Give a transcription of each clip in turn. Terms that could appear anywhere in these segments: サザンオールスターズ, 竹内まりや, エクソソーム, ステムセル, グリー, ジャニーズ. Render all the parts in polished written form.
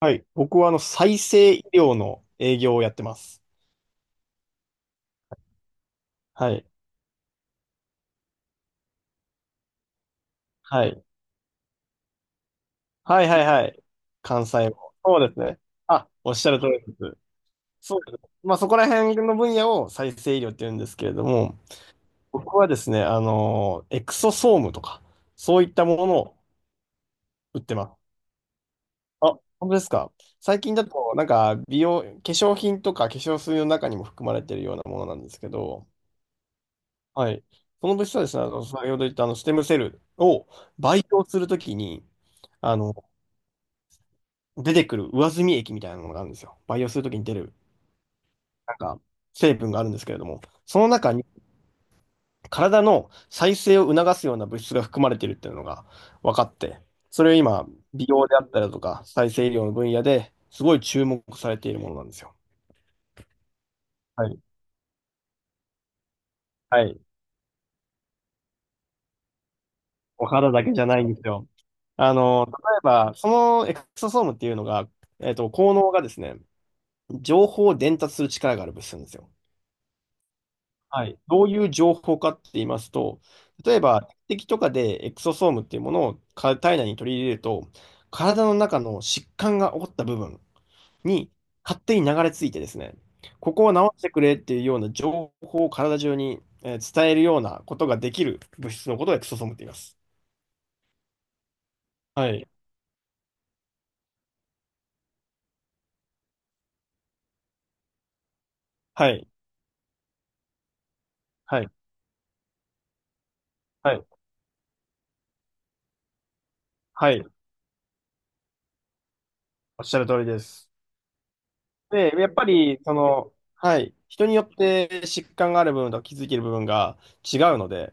はい。僕は再生医療の営業をやってます。はい。はい。はいはいはい。関西を。そうですね。あ、おっしゃる通りです。そうです。まあそこら辺の分野を再生医療って言うんですけれども、僕はですね、エクソソームとか、そういったものを売ってます。あ、本当ですか。最近だと、なんか、美容、化粧品とか化粧水の中にも含まれているようなものなんですけど、はい。その物質はですね、先ほど言ったステムセルを培養するときに、あの、出てくる上澄み液みたいなものがあるんですよ。培養するときに出る、なんか、成分があるんですけれども、その中に体の再生を促すような物質が含まれているっていうのが分かって、それを今、美容であったりだとか、再生医療の分野ですごい注目されているものなんですよ。はい。はい。お肌だけじゃないんですよ。あの、例えば、そのエクソソームっていうのが、効能がですね、情報を伝達する力がある物質なんですよ。はい。どういう情報かって言いますと、例えば、敵とかでエクソソームっていうものをか体内に取り入れると、体の中の疾患が起こった部分に勝手に流れ着いてですね、ここを治してくれっていうような情報を体中に伝えるようなことができる物質のことをエクソソームって言います。はい。はい。はい。はい。はい。おっしゃる通りです。で、やっぱり、その、はい、人によって疾患がある部分と気づける部分が違うので、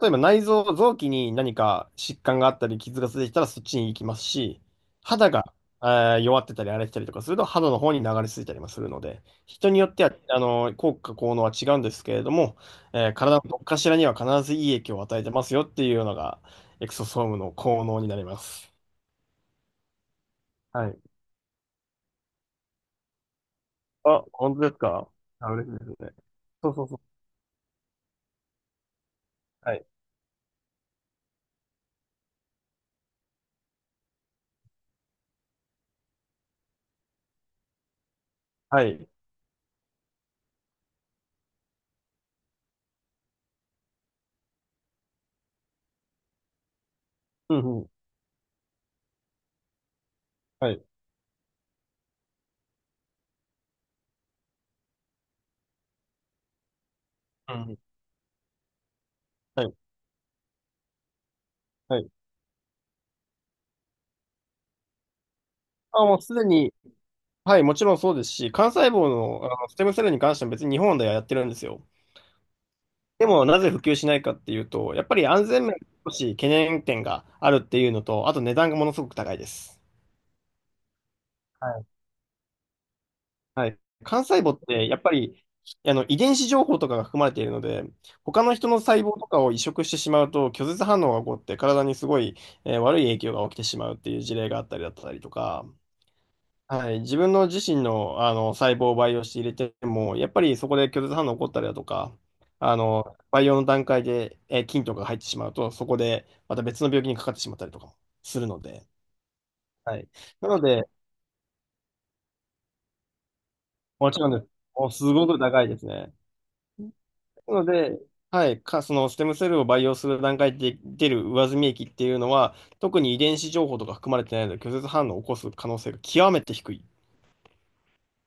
例えば内臓、臓器に何か疾患があったり、傷がついてきたらそっちに行きますし、肌が、え弱ってたり荒れてたりとかすると肌の方に流れ着いたりもするので、人によっては、あの、効果、効能は違うんですけれども、体のどっかしらには必ずいい影響を与えてますよっていうのが、エクソソームの効能になります。はい。あ、本当ですか。あ、嬉しいですね。そうそうそう。はい。はい。うんうん。はい。うん。はい。はい。あ、もうすでに、はい、もちろんそうですし、幹細胞の、あのステムセルに関しては別に日本ではやってるんですよ。でも、なぜ普及しないかっていうと、やっぱり安全面、少し懸念点があるっていうのと、あと値段がものすごく高いです。はい。はい。幹細胞って、やっぱり、遺伝子情報とかが含まれているので、他の人の細胞とかを移植してしまうと、拒絶反応が起こって、体にすごい、悪い影響が起きてしまうっていう事例があったりだったりとか、はい、自分の自身の、あの細胞を培養して入れても、やっぱりそこで拒絶反応起こったりだとか、あの培養の段階で、菌とかが入ってしまうと、そこでまた別の病気にかかってしまったりとかもするので、はい、なので、もちろんです。もうすごく高いですね。なので、はい、か、そのステムセルを培養する段階で出る上澄み液っていうのは、特に遺伝子情報とか含まれてないので、拒絶反応を起こす可能性が極めて低い。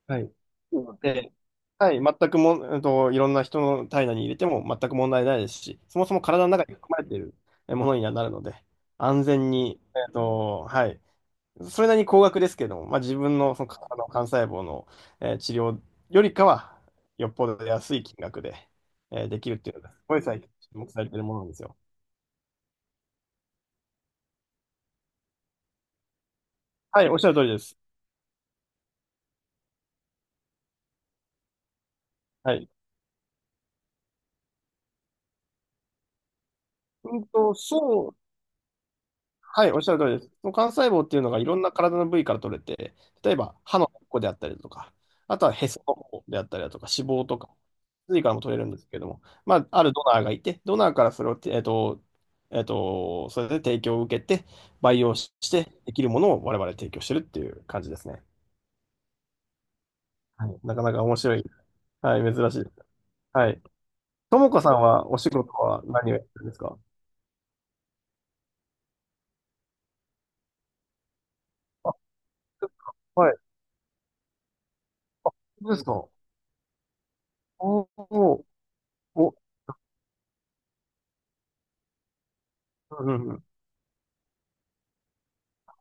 はい。なので、はい、全くも、いろんな人の体内に入れても全く問題ないですし、そもそも体の中に含まれているえものにはなるので、安全に、はい、それなりに高額ですけども、まあ、自分のその体の幹細胞の、治療よりかは、よっぽど安い金額で、できるっていうのが、すごい最近注目されているものなんですよ。はい、おっしゃる通りです。はい。うんと、そうはい、おっしゃる通りです。その幹細胞っていうのがいろんな体の部位から取れて、例えば歯の根っこであったりだとか、あとはへその方であったりだとか、脂肪とか、髄からも取れるんですけれども、まあ、あるドナーがいて、ドナーからそれをて、それで提供を受けて、培養してできるものを我々提供してるっていう感じですね。はい、なかなか面白い。はい、珍しいです。はい。ともこさんはお仕事は何をやってるんですか？あ、そうですかはい。そうですか。おーおー、お、うんうんうん。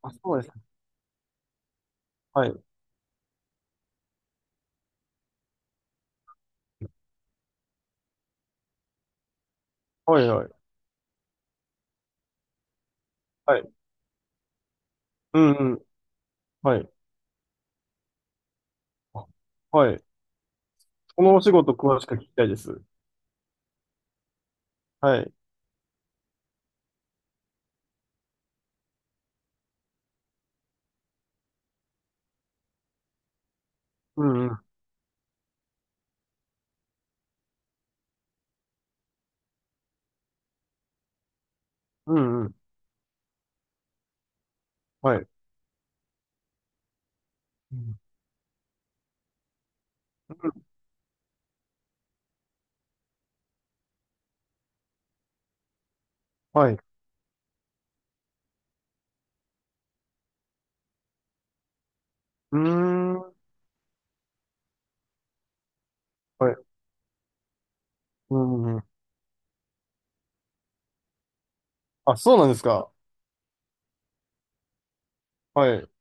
あ、そうですね。はい。はいはい。はい。うんうん。はい。あはい。そのお仕事詳しく聞きたいです。はい。うんうん。うんうん。はい。うんはい。うーん。はい。うんうん。あ、そうなんですか。はい。す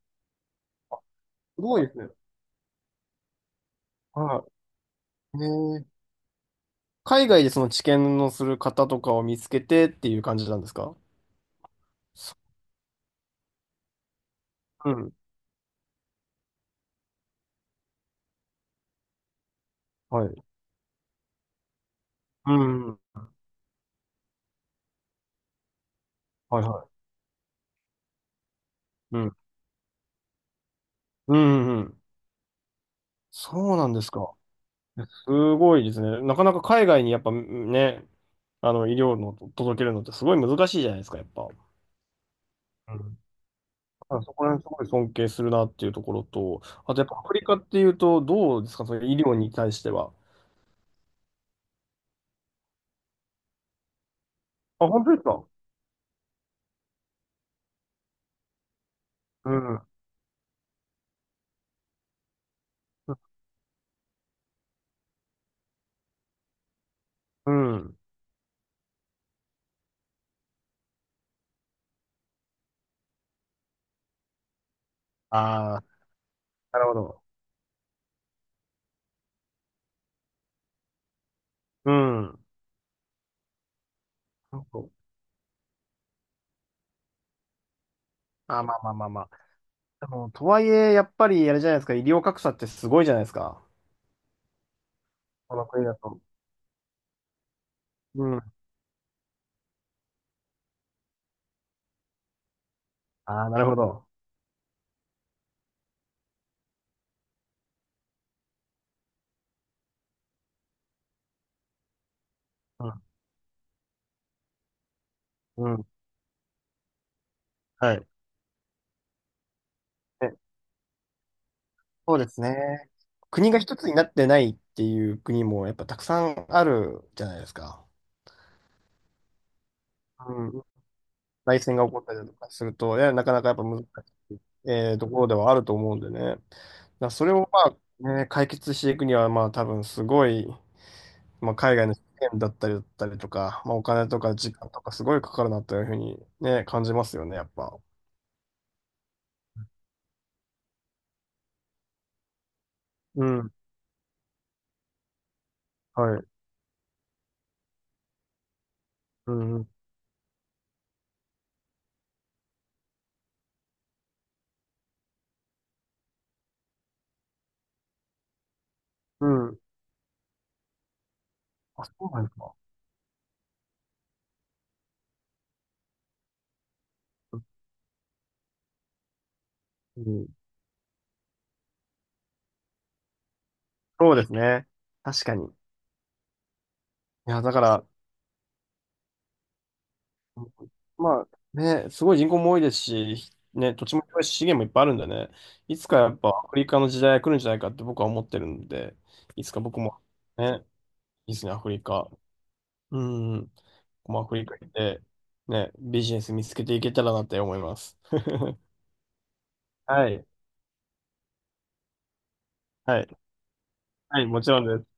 ごいですね。はい。ねえ、海外でその治験のする方とかを見つけてっていう感じなんですか？そうん。はい。うんうん。はいはい。うん。うんうんうん。そうなんですか。すごいですね。なかなか海外にやっぱね、あの、医療の届けるのってすごい難しいじゃないですか、やっぱ。うん、あそこら辺すごい尊敬するなっていうところと、あとやっぱアフリカっていうと、どうですか、その医療に対しては。あ、本当ですか？うん。うん。ああ、なるほど。うん。そうあ、まあまあまあまあ。でも、とはいえ、やっぱり、あれじゃないですか、医療格差ってすごいじゃないですか。この国だと。うん。ああ、なるほど。うん。うん。はい。ね、そうですね。国が一つになってないっていう国もやっぱたくさんあるじゃないですか。うん。内戦が起こったりだとかすると、いや、なかなかやっぱ難しい、ところではあると思うんでね。だからそれをまあ、ね、解決していくには、まあ多分すごい、まあ、海外の資源だったりだったりとか、まあ、お金とか時間とかすごいかかるなというふうにね、感じますよね、やっぱ。うん。はい。うん。うん。あ、そうなんですか。うん。そうですね。確かに。いや、だから、まあね、すごい人口も多いですし、ね、土地も広いし資源もいっぱいあるんでね、いつかやっぱアフリカの時代が来るんじゃないかって僕は思ってるんで、いつか僕もね、いつにアフリカ、うん、僕もアフリカ行って、ね、ビジネス見つけていけたらなって思います。はい、はい、はい、もちろんです。